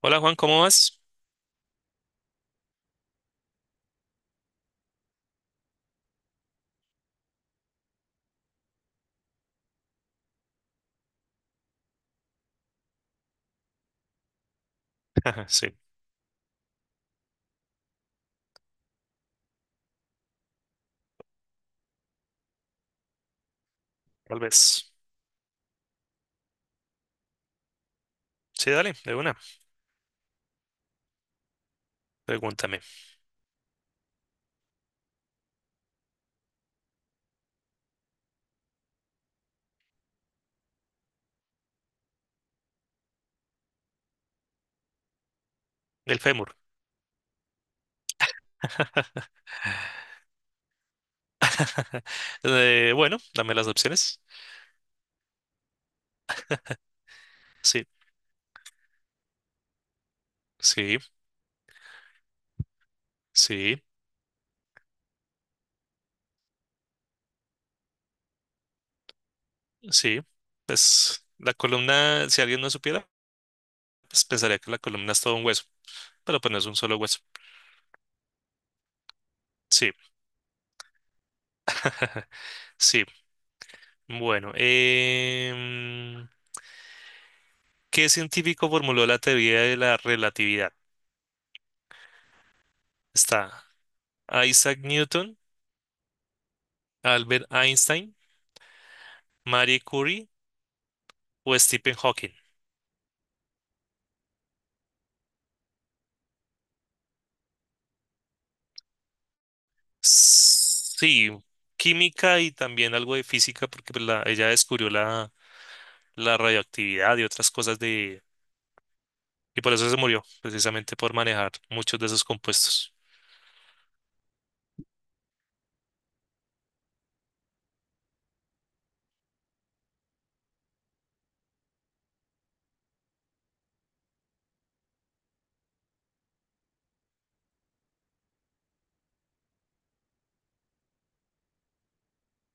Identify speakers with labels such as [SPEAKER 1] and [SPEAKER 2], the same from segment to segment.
[SPEAKER 1] Hola Juan, ¿cómo vas? Sí, tal vez. Sí, dale, de una. Pregúntame. El fémur. Bueno, dame las opciones. Sí, sí, sí, sí. Pues la columna, si alguien no supiera, pues pensaría que la columna es todo un hueso, pero pues no es un solo hueso. Sí, sí. Bueno, ¿qué científico formuló la teoría de la relatividad? Está Isaac Newton, Albert Einstein, Marie Curie o Stephen Hawking. Sí, química y también algo de física, porque pues, ella descubrió la radioactividad y otras cosas de... Y por eso se murió, precisamente por manejar muchos de esos compuestos.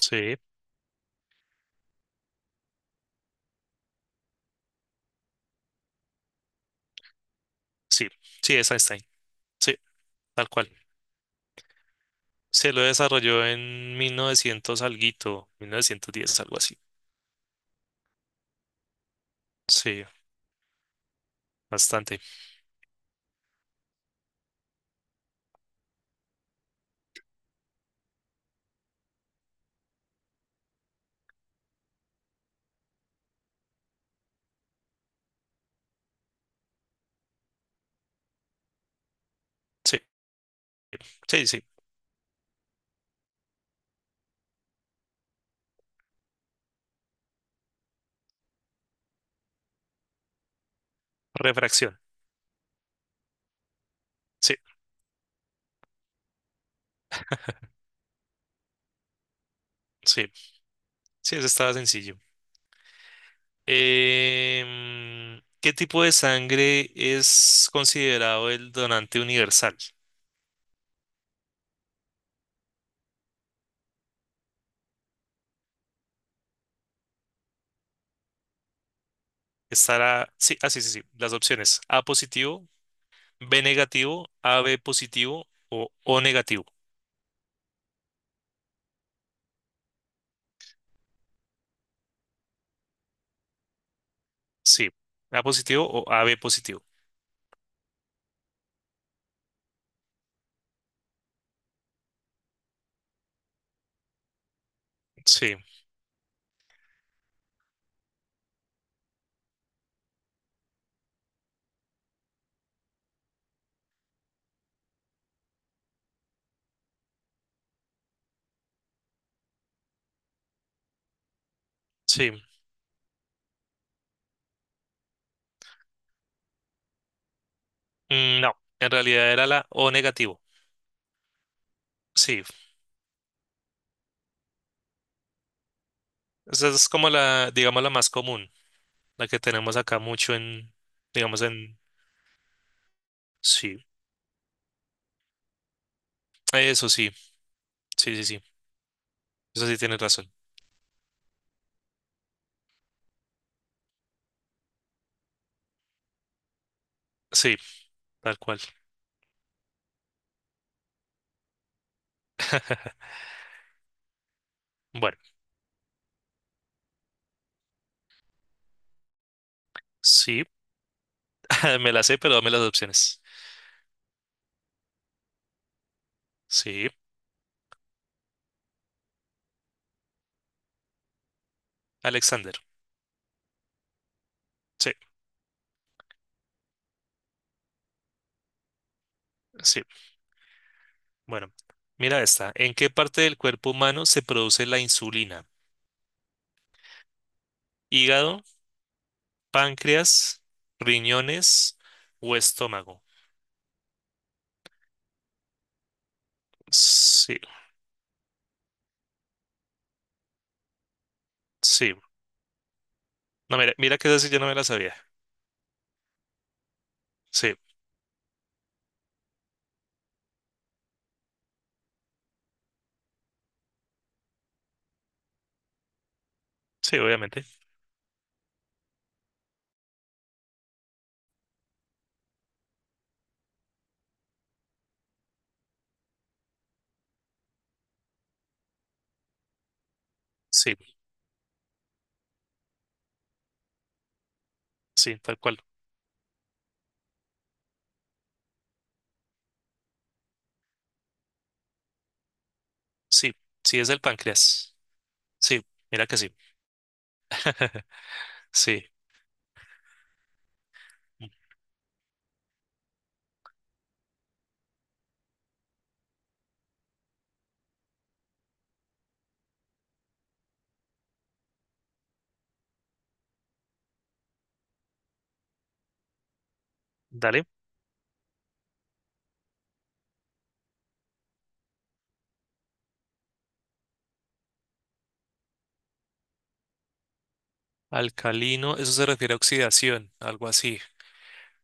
[SPEAKER 1] Sí, sí, sí, es Einstein. Sí, tal cual. Se lo desarrolló en 1900 alguito, 1910 algo así. Sí, bastante. Sí, sí, sí. Refracción. Sí, sí. Sí, eso estaba sencillo. ¿Qué tipo de sangre es considerado el donante universal? Estará, sí, ah, sí, sí, sí, las opciones, A positivo, B negativo, AB positivo o O negativo. Sí, A positivo o AB positivo. Sí, sí. Mm, no, en realidad era la O negativo. Sí, esa es como la, digamos, la más común, la que tenemos acá mucho en, digamos, en, sí, eso sí, sí, sí, sí, eso sí tienes razón. Sí, tal cual. Bueno, sí, me la sé, pero dame las opciones. Sí, Alexander. Sí, sí. Bueno, mira esta. ¿En qué parte del cuerpo humano se produce la insulina? ¿Hígado, páncreas, riñones o estómago? Sí, sí. No, mira, mira que esa sí yo no me la sabía. Sí, sí, obviamente. Sí, sí, tal cual. Sí, sí es el páncreas. Sí, mira que sí. Sí. Dale. Alcalino, eso se refiere a oxidación, algo así.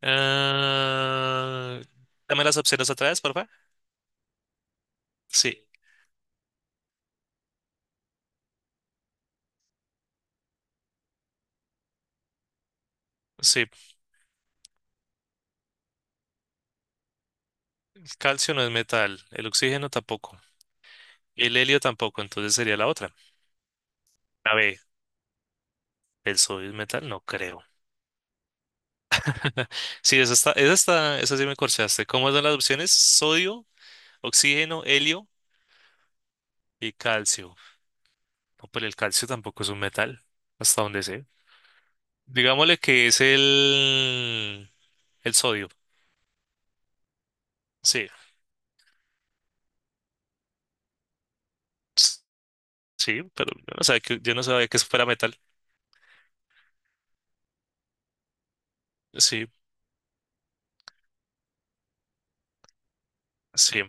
[SPEAKER 1] Ah, dame las opciones otra vez, por favor. Sí, sí. Calcio no es metal. El oxígeno tampoco. El helio tampoco. Entonces sería la otra. A ver, ¿el sodio es metal? No creo. Sí, esa está, esa está, esa sí me corchaste. ¿Cómo son las opciones? Sodio, oxígeno, helio y calcio. No, pero el calcio tampoco es un metal, hasta donde sé. Digámosle que es el sodio. Sí, s- sí, pero yo no sabía que, yo no sabía que eso fuera metal. Sí, sí.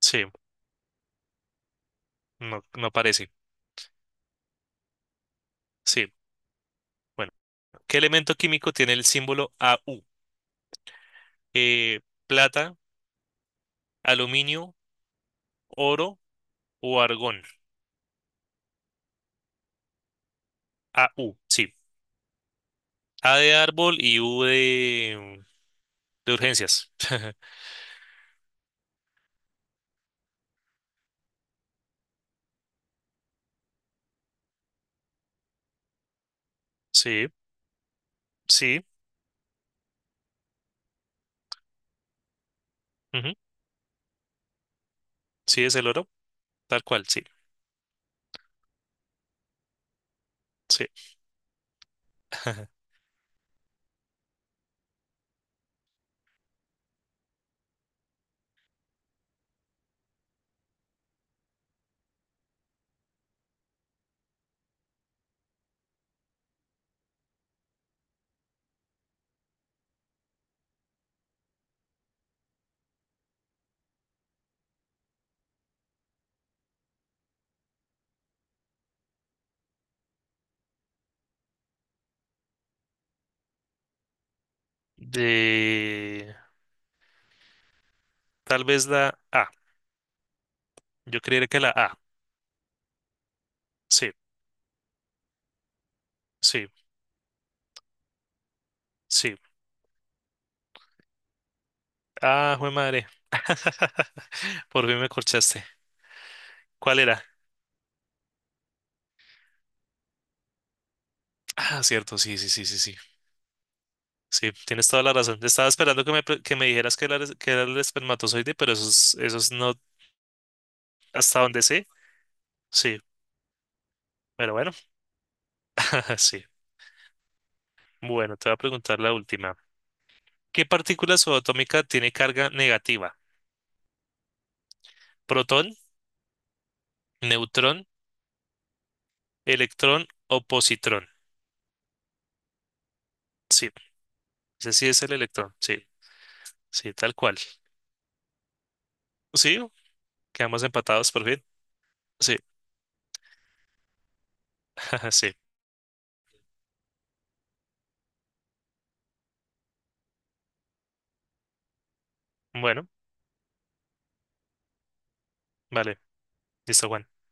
[SPEAKER 1] Sí, no, no parece. Sí, bueno. ¿Qué elemento químico tiene el símbolo AU? Eh, plata, aluminio, oro o argón. AU, sí. A de árbol y U de urgencias. Sí, sí. Ujú, sí, es el oro. Tal cual, sí. Sí. De... Tal vez la A. Yo creería que la A. Sí, sí, sí. Ah, jue madre. Por fin me corchaste. ¿Cuál era? Ah, cierto, sí, sí, sí, sí, sí. Sí, tienes toda la razón. Estaba esperando que me, que me dijeras que era, que era el espermatozoide, pero eso es no hasta donde sé. Sí, pero bueno, sí. Bueno, te voy a preguntar la última. ¿Qué partícula subatómica tiene carga negativa? ¿Protón, neutrón, electrón o positrón? Sí, ese sí es el electrón. Sí, sí, tal cual. Sí, quedamos empatados por fin. Sí, sí. Bueno, vale. Listo, Juan.